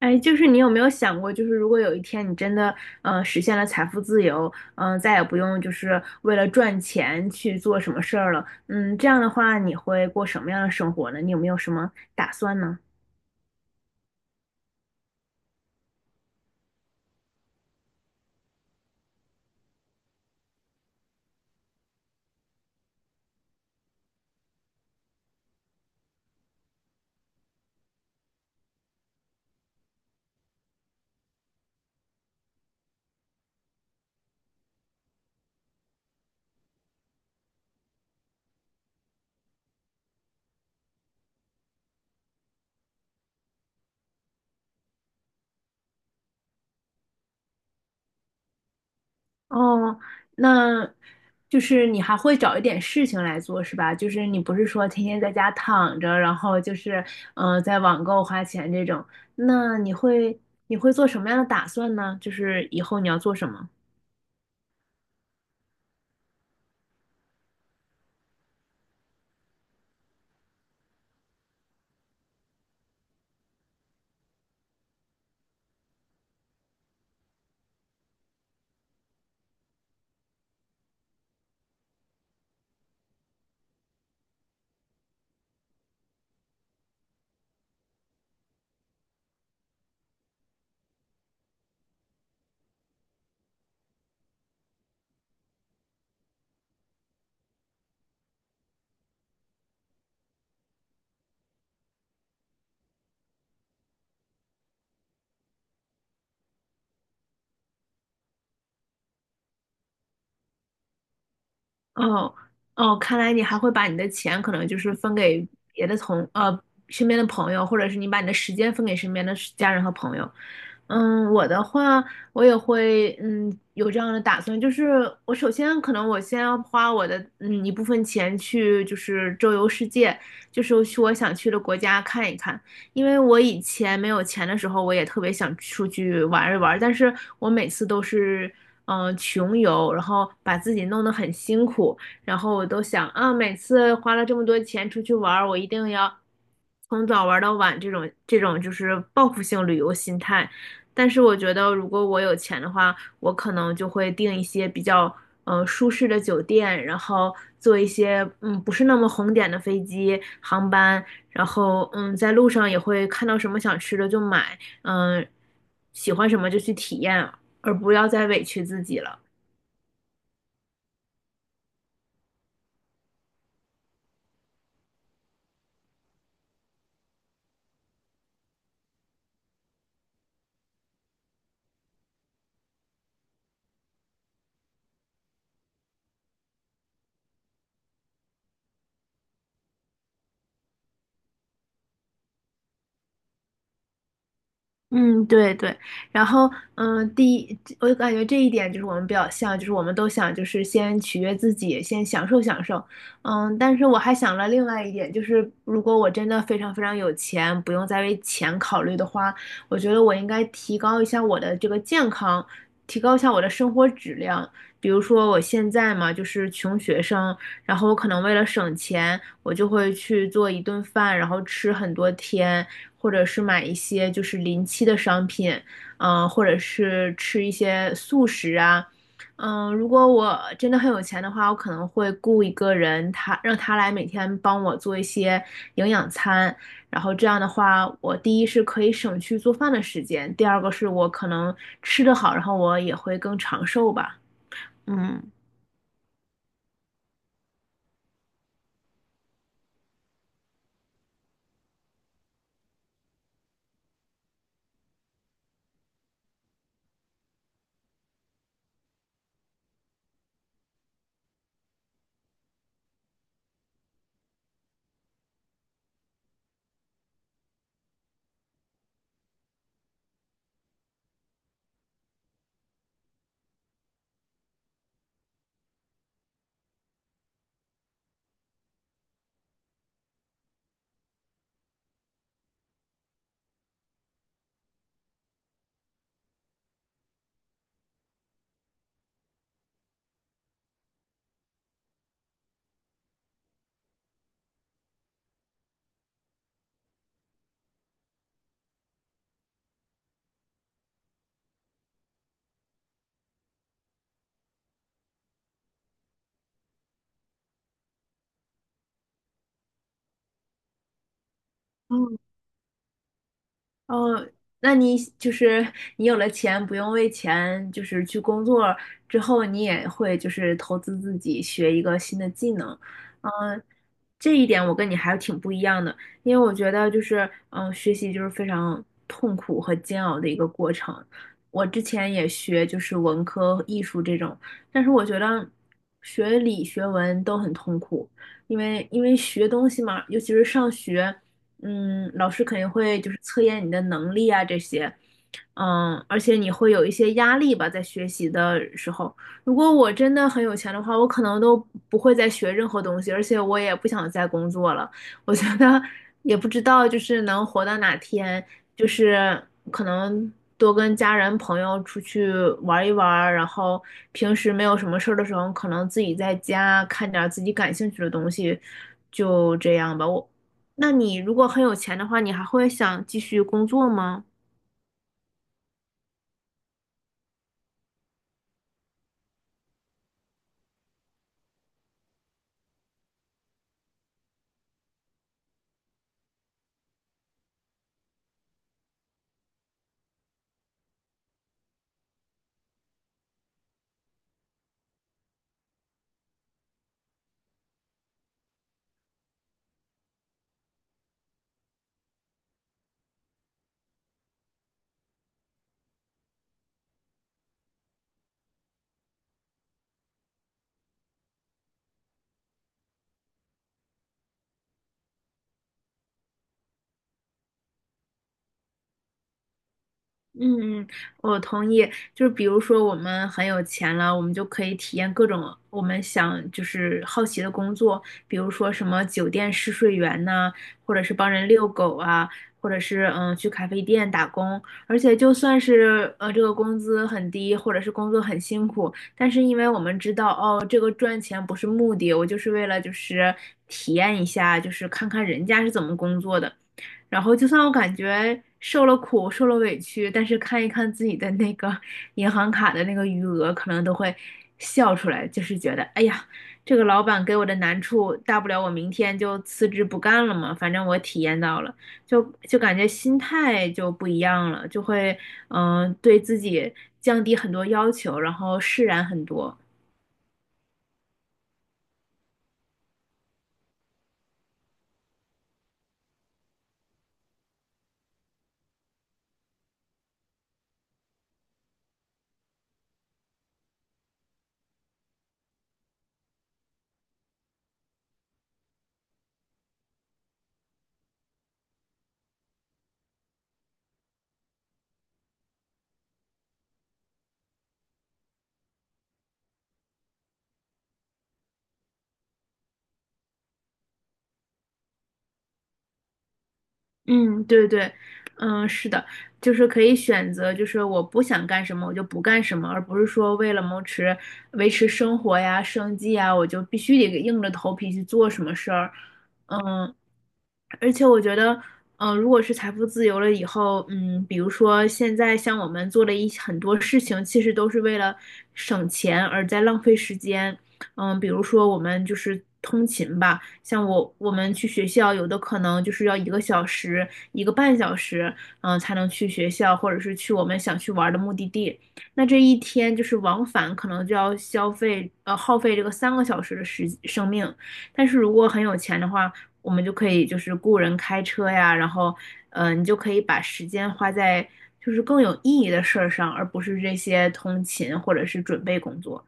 哎，就是你有没有想过，就是如果有一天你真的，实现了财富自由，再也不用就是为了赚钱去做什么事儿了，嗯，这样的话你会过什么样的生活呢？你有没有什么打算呢？哦，那就是你还会找一点事情来做是吧？就是你不是说天天在家躺着，然后就是，在网购花钱这种，那你会你会做什么样的打算呢？就是以后你要做什么？哦哦，看来你还会把你的钱可能就是分给别的同呃身边的朋友，或者是你把你的时间分给身边的是家人和朋友。嗯，我的话，我也会有这样的打算，就是我首先可能我先要花我的一部分钱去就是周游世界，就是去我想去的国家看一看。因为我以前没有钱的时候，我也特别想出去玩一玩，但是我每次都是穷游，然后把自己弄得很辛苦，然后我都想啊，每次花了这么多钱出去玩儿，我一定要从早玩到晚，这种就是报复性旅游心态。但是我觉得，如果我有钱的话，我可能就会订一些比较舒适的酒店，然后坐一些不是那么红点的飞机航班，然后嗯，在路上也会看到什么想吃的就买，嗯，喜欢什么就去体验，而不要再委屈自己了。嗯，对对，然后第一，我感觉这一点就是我们比较像，就是我们都想就是先取悦自己，先享受享受，嗯，但是我还想了另外一点，就是如果我真的非常非常有钱，不用再为钱考虑的话，我觉得我应该提高一下我的这个健康，提高一下我的生活质量。比如说我现在嘛，就是穷学生，然后我可能为了省钱，我就会去做一顿饭，然后吃很多天。或者是买一些就是临期的商品，或者是吃一些素食啊，如果我真的很有钱的话，我可能会雇一个人，让他来每天帮我做一些营养餐，然后这样的话，我第一是可以省去做饭的时间，第二个是我可能吃得好，然后我也会更长寿吧，嗯。哦，那你就是你有了钱，不用为钱就是去工作之后，你也会就是投资自己学一个新的技能，嗯，这一点我跟你还挺不一样的，因为我觉得就是学习就是非常痛苦和煎熬的一个过程。我之前也学就是文科、艺术这种，但是我觉得学理学文都很痛苦，因为学东西嘛，尤其是上学。嗯，老师肯定会就是测验你的能力啊这些，嗯，而且你会有一些压力吧，在学习的时候。如果我真的很有钱的话，我可能都不会再学任何东西，而且我也不想再工作了。我觉得也不知道就是能活到哪天，就是可能多跟家人朋友出去玩一玩，然后平时没有什么事儿的时候，可能自己在家看点儿自己感兴趣的东西，就这样吧。我。那你如果很有钱的话，你还会想继续工作吗？嗯，嗯，我同意。就是比如说，我们很有钱了，我们就可以体验各种我们想就是好奇的工作，比如说什么酒店试睡员呐、或者是帮人遛狗啊，或者是去咖啡店打工。而且就算是这个工资很低，或者是工作很辛苦，但是因为我们知道哦，这个赚钱不是目的，我就是为了就是体验一下，就是看看人家是怎么工作的。然后就算我感觉受了苦、受了委屈，但是看一看自己的那个 银行卡的那个余额，可能都会笑出来，就是觉得，哎呀，这个老板给我的难处，大不了我明天就辞职不干了嘛，反正我体验到了，就就感觉心态就不一样了，就会对自己降低很多要求，然后释然很多。嗯，对对，嗯，是的，就是可以选择，就是我不想干什么，我就不干什么，而不是说为了维持生活呀、生计呀，我就必须得硬着头皮去做什么事儿。嗯，而且我觉得，如果是财富自由了以后，嗯，比如说现在像我们做的很多事情，其实都是为了省钱而在浪费时间。嗯，比如说我们就是通勤吧，像我们去学校，有的可能就是要一个小时、一个半小时，嗯，才能去学校，或者是去我们想去玩的目的地。那这一天就是往返，可能就要耗费这个三个小时的生命。但是如果很有钱的话，我们就可以就是雇人开车呀，然后，你就可以把时间花在就是更有意义的事儿上，而不是这些通勤或者是准备工作。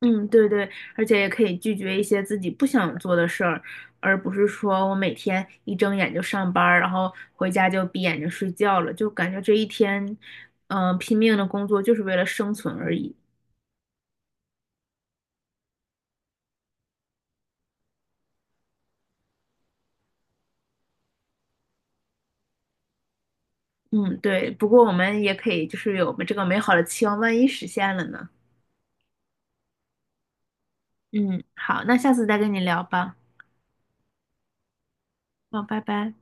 嗯，对对，而且也可以拒绝一些自己不想做的事儿，而不是说我每天一睁眼就上班儿，然后回家就闭眼睛睡觉了，就感觉这一天，拼命的工作就是为了生存而已。嗯，对。不过我们也可以就是有这个美好的期望，万一实现了呢？嗯，好，那下次再跟你聊吧。好，拜拜。